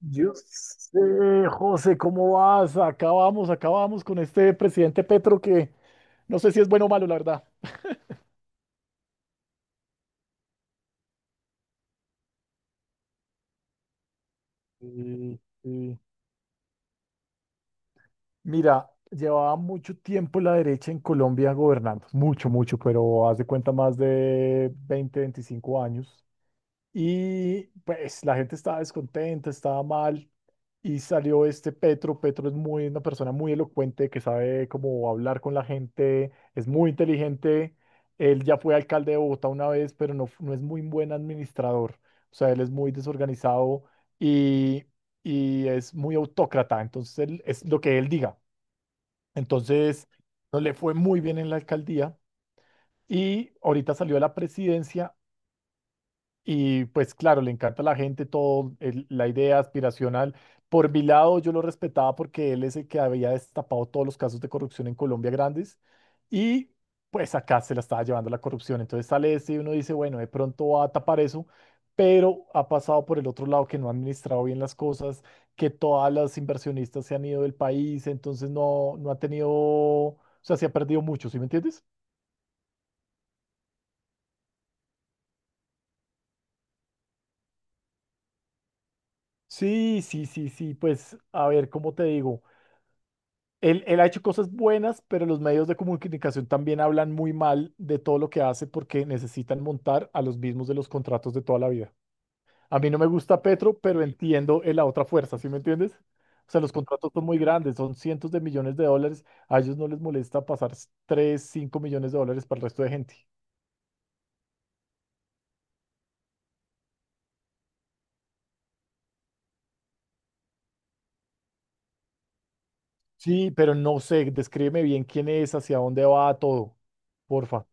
Yo sé, José, ¿cómo vas? Acabamos con este presidente Petro que no sé si es bueno o malo, la verdad. Sí, sí. Mira, llevaba mucho tiempo la derecha en Colombia gobernando, mucho, mucho, pero haz de cuenta más de 20, 25 años. Y pues la gente estaba descontenta, estaba mal. Y salió este Petro. Petro es muy, una persona muy elocuente que sabe cómo hablar con la gente, es muy inteligente. Él ya fue alcalde de Bogotá una vez, pero no es muy buen administrador. O sea, él es muy desorganizado y, y es muy autócrata. Entonces, es lo que él diga. Entonces, no le fue muy bien en la alcaldía. Y ahorita salió a la presidencia y pues claro, le encanta a la gente todo, la idea aspiracional. Por mi lado, yo lo respetaba porque él es el que había destapado todos los casos de corrupción en Colombia grandes y pues acá se la estaba llevando la corrupción. Entonces sale este y uno dice, bueno, de pronto va a tapar eso, pero ha pasado por el otro lado que no ha administrado bien las cosas, que todas las inversionistas se han ido del país, entonces no ha tenido, o sea, se ha perdido mucho, ¿sí me entiendes? Sí, sí, sí, sí, pues a ver, ¿cómo te digo? Él ha hecho cosas buenas, pero los medios de comunicación también hablan muy mal de todo lo que hace porque necesitan montar a los mismos de los contratos de toda la vida. A mí no me gusta Petro, pero entiendo la otra fuerza, ¿sí me entiendes? O sea, los contratos son muy grandes, son cientos de millones de dólares. A ellos no les molesta pasar 3, 5 millones de dólares para el resto de gente. Sí, pero no sé, descríbeme bien quién es, hacia dónde va todo. Porfa.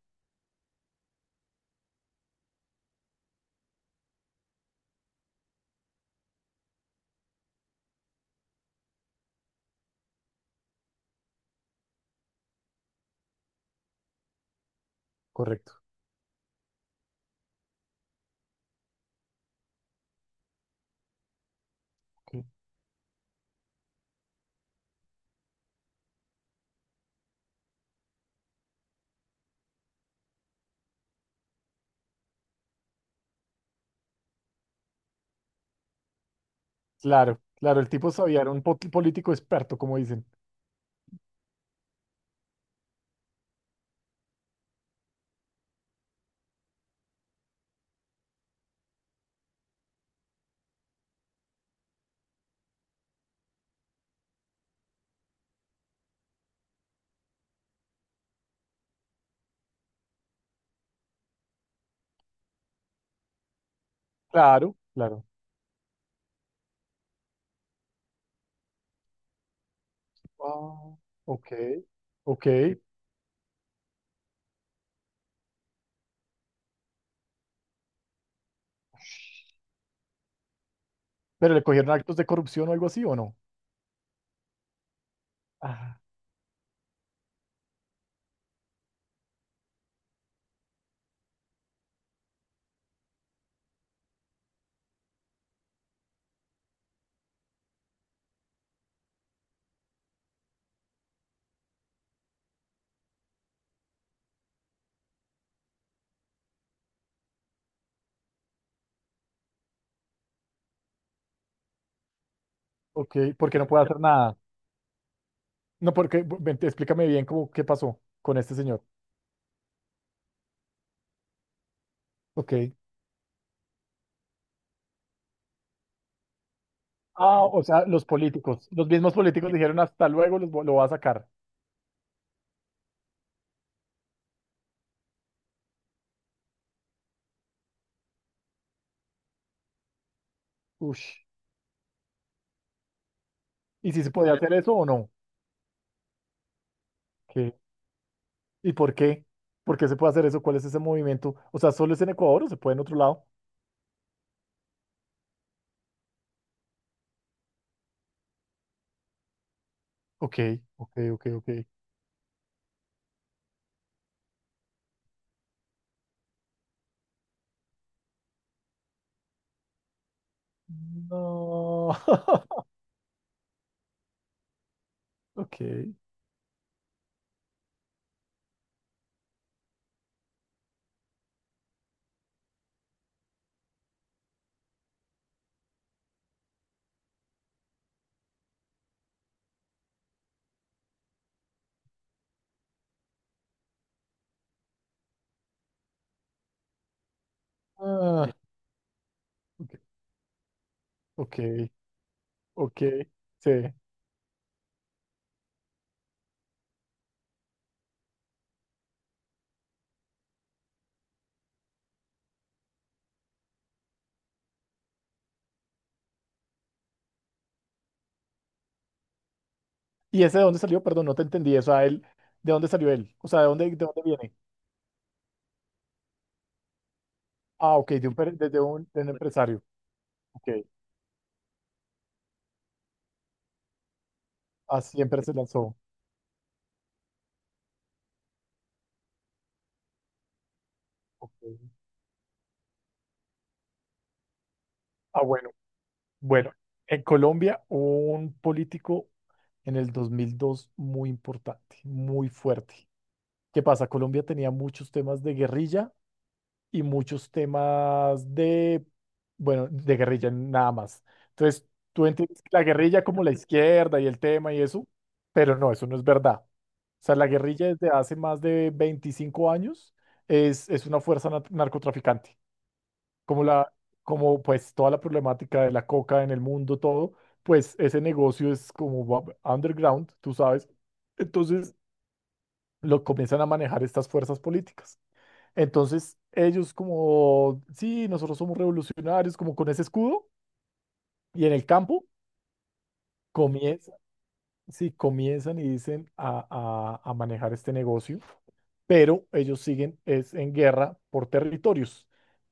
Correcto. Ok. Claro, claro, el tipo sabía, era un político experto, como dicen. Claro, claro. Ah, ok, ok. ¿Pero le cogieron actos de corrupción o algo así o no? Ah, ok, porque no puede hacer nada. No, porque, ven, explícame bien cómo, qué pasó con este señor. Ok. Ah, o sea, los políticos, los mismos políticos dijeron hasta luego, los lo va a sacar. Ush. ¿Y si se podía hacer eso o no? ¿Qué? ¿Y por qué? ¿Por qué se puede hacer eso? ¿Cuál es ese movimiento? O sea, ¿solo es en Ecuador o se puede en otro lado? Ok, ok, ok, ok. No. Ok. Ah, ok, ok, ok. Sí. ¿Y ese de dónde salió? Perdón, no te entendí. O sea, él, ¿de dónde salió él? O sea, ¿de dónde viene? Ah, ok, de un, per- de un empresario. Ok. Ah, siempre se lanzó. Ok. Ah, bueno. Bueno, en Colombia hubo un político en el 2002 muy importante, muy fuerte. ¿Qué pasa? Colombia tenía muchos temas de guerrilla y muchos temas de, bueno, de guerrilla nada más. Entonces, tú entiendes la guerrilla como la izquierda y el tema y eso, pero no, eso no es verdad. O sea, la guerrilla desde hace más de 25 años es una fuerza narcotraficante como la, como pues toda la problemática de la coca en el mundo, todo, pues ese negocio es como underground, tú sabes. Entonces lo comienzan a manejar estas fuerzas políticas. Entonces ellos como, sí, nosotros somos revolucionarios, como con ese escudo, y en el campo comienzan si comienzan y dicen a manejar este negocio, pero ellos siguen es en guerra por territorios.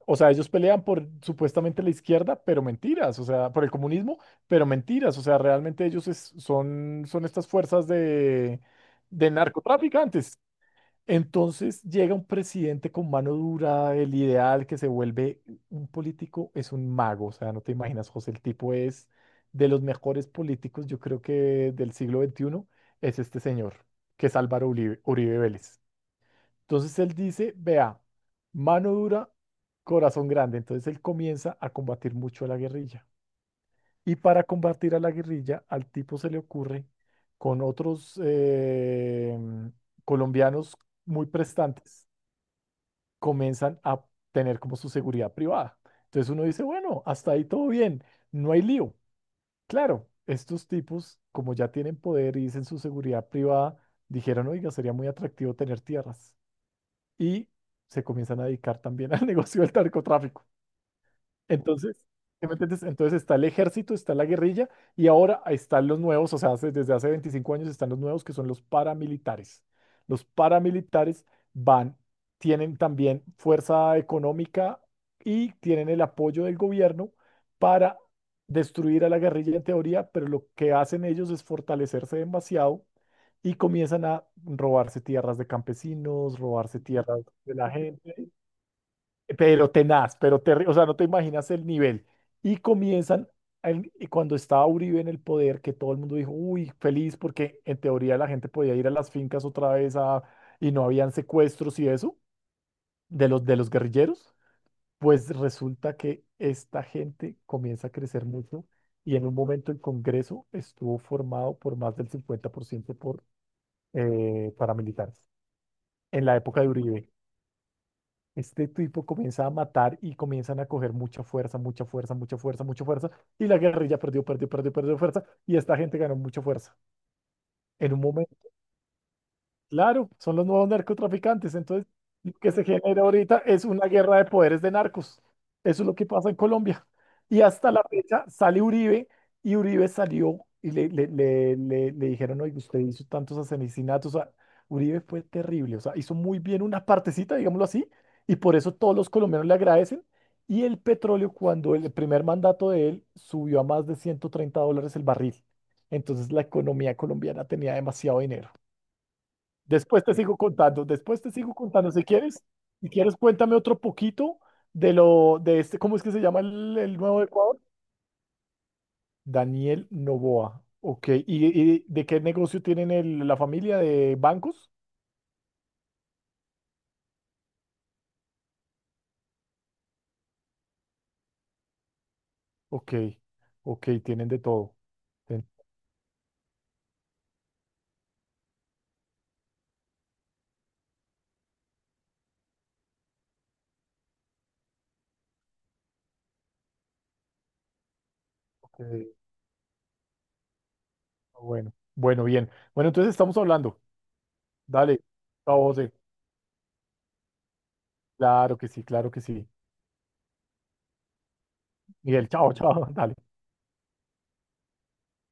O sea, ellos pelean por supuestamente la izquierda, pero mentiras, o sea, por el comunismo, pero mentiras, o sea, realmente ellos son estas fuerzas de narcotraficantes. Entonces llega un presidente con mano dura, el ideal que se vuelve un político es un mago, o sea, no te imaginas, José, el tipo es de los mejores políticos, yo creo que del siglo XXI, es este señor, que es Álvaro Uribe, Uribe Vélez. Entonces él dice, vea, mano dura, corazón grande, entonces él comienza a combatir mucho a la guerrilla. Y para combatir a la guerrilla, al tipo se le ocurre con otros colombianos muy prestantes comienzan a tener como su seguridad privada. Entonces uno dice, bueno, hasta ahí todo bien, no hay lío. Claro, estos tipos, como ya tienen poder y dicen su seguridad privada, dijeron, oiga, sería muy atractivo tener tierras. Y se comienzan a dedicar también al negocio del narcotráfico. Entonces, ¿sí me entiendes? Entonces está el ejército, está la guerrilla y ahora están los nuevos, o sea, desde hace 25 años están los nuevos que son los paramilitares. Los paramilitares van, tienen también fuerza económica y tienen el apoyo del gobierno para destruir a la guerrilla en teoría, pero lo que hacen ellos es fortalecerse demasiado y comienzan a robarse tierras de campesinos, robarse tierras de la gente pero tenaz, pero o sea, no te imaginas el nivel. Y comienzan, y cuando estaba Uribe en el poder, que todo el mundo dijo, uy, feliz, porque en teoría la gente podía ir a las fincas otra vez a, y no habían secuestros y eso, de los guerrilleros, pues resulta que esta gente comienza a crecer mucho y en un momento el Congreso estuvo formado por más del 50% por ciento por paramilitares en la época de Uribe. Este tipo comienza a matar y comienzan a coger mucha fuerza, mucha fuerza, mucha fuerza, mucha fuerza. Y la guerrilla perdió, perdió, perdió, perdió fuerza. Y esta gente ganó mucha fuerza. En un momento claro, son los nuevos narcotraficantes. Entonces, lo que se genera ahorita es una guerra de poderes de narcos. Eso es lo que pasa en Colombia. Y hasta la fecha sale Uribe y Uribe salió y le dijeron, oye, usted hizo tantos asesinatos. O sea, Uribe fue terrible. O sea, hizo muy bien una partecita, digámoslo así, y por eso todos los colombianos le agradecen. Y el petróleo, cuando el primer mandato de él subió a más de $130 el barril. Entonces la economía colombiana tenía demasiado dinero. Después te sigo contando, después te sigo contando. Si quieres, si quieres, cuéntame otro poquito de lo, de este, ¿cómo es que se llama el nuevo de Ecuador? Daniel Novoa. Ok. Y de qué negocio tienen la familia de bancos? Ok, ok, tienen de todo. Ten- ok, bueno, bueno, bien. Bueno, entonces estamos hablando. Dale, chao, José. Claro que sí, claro que sí. Miguel, chao, chao, dale.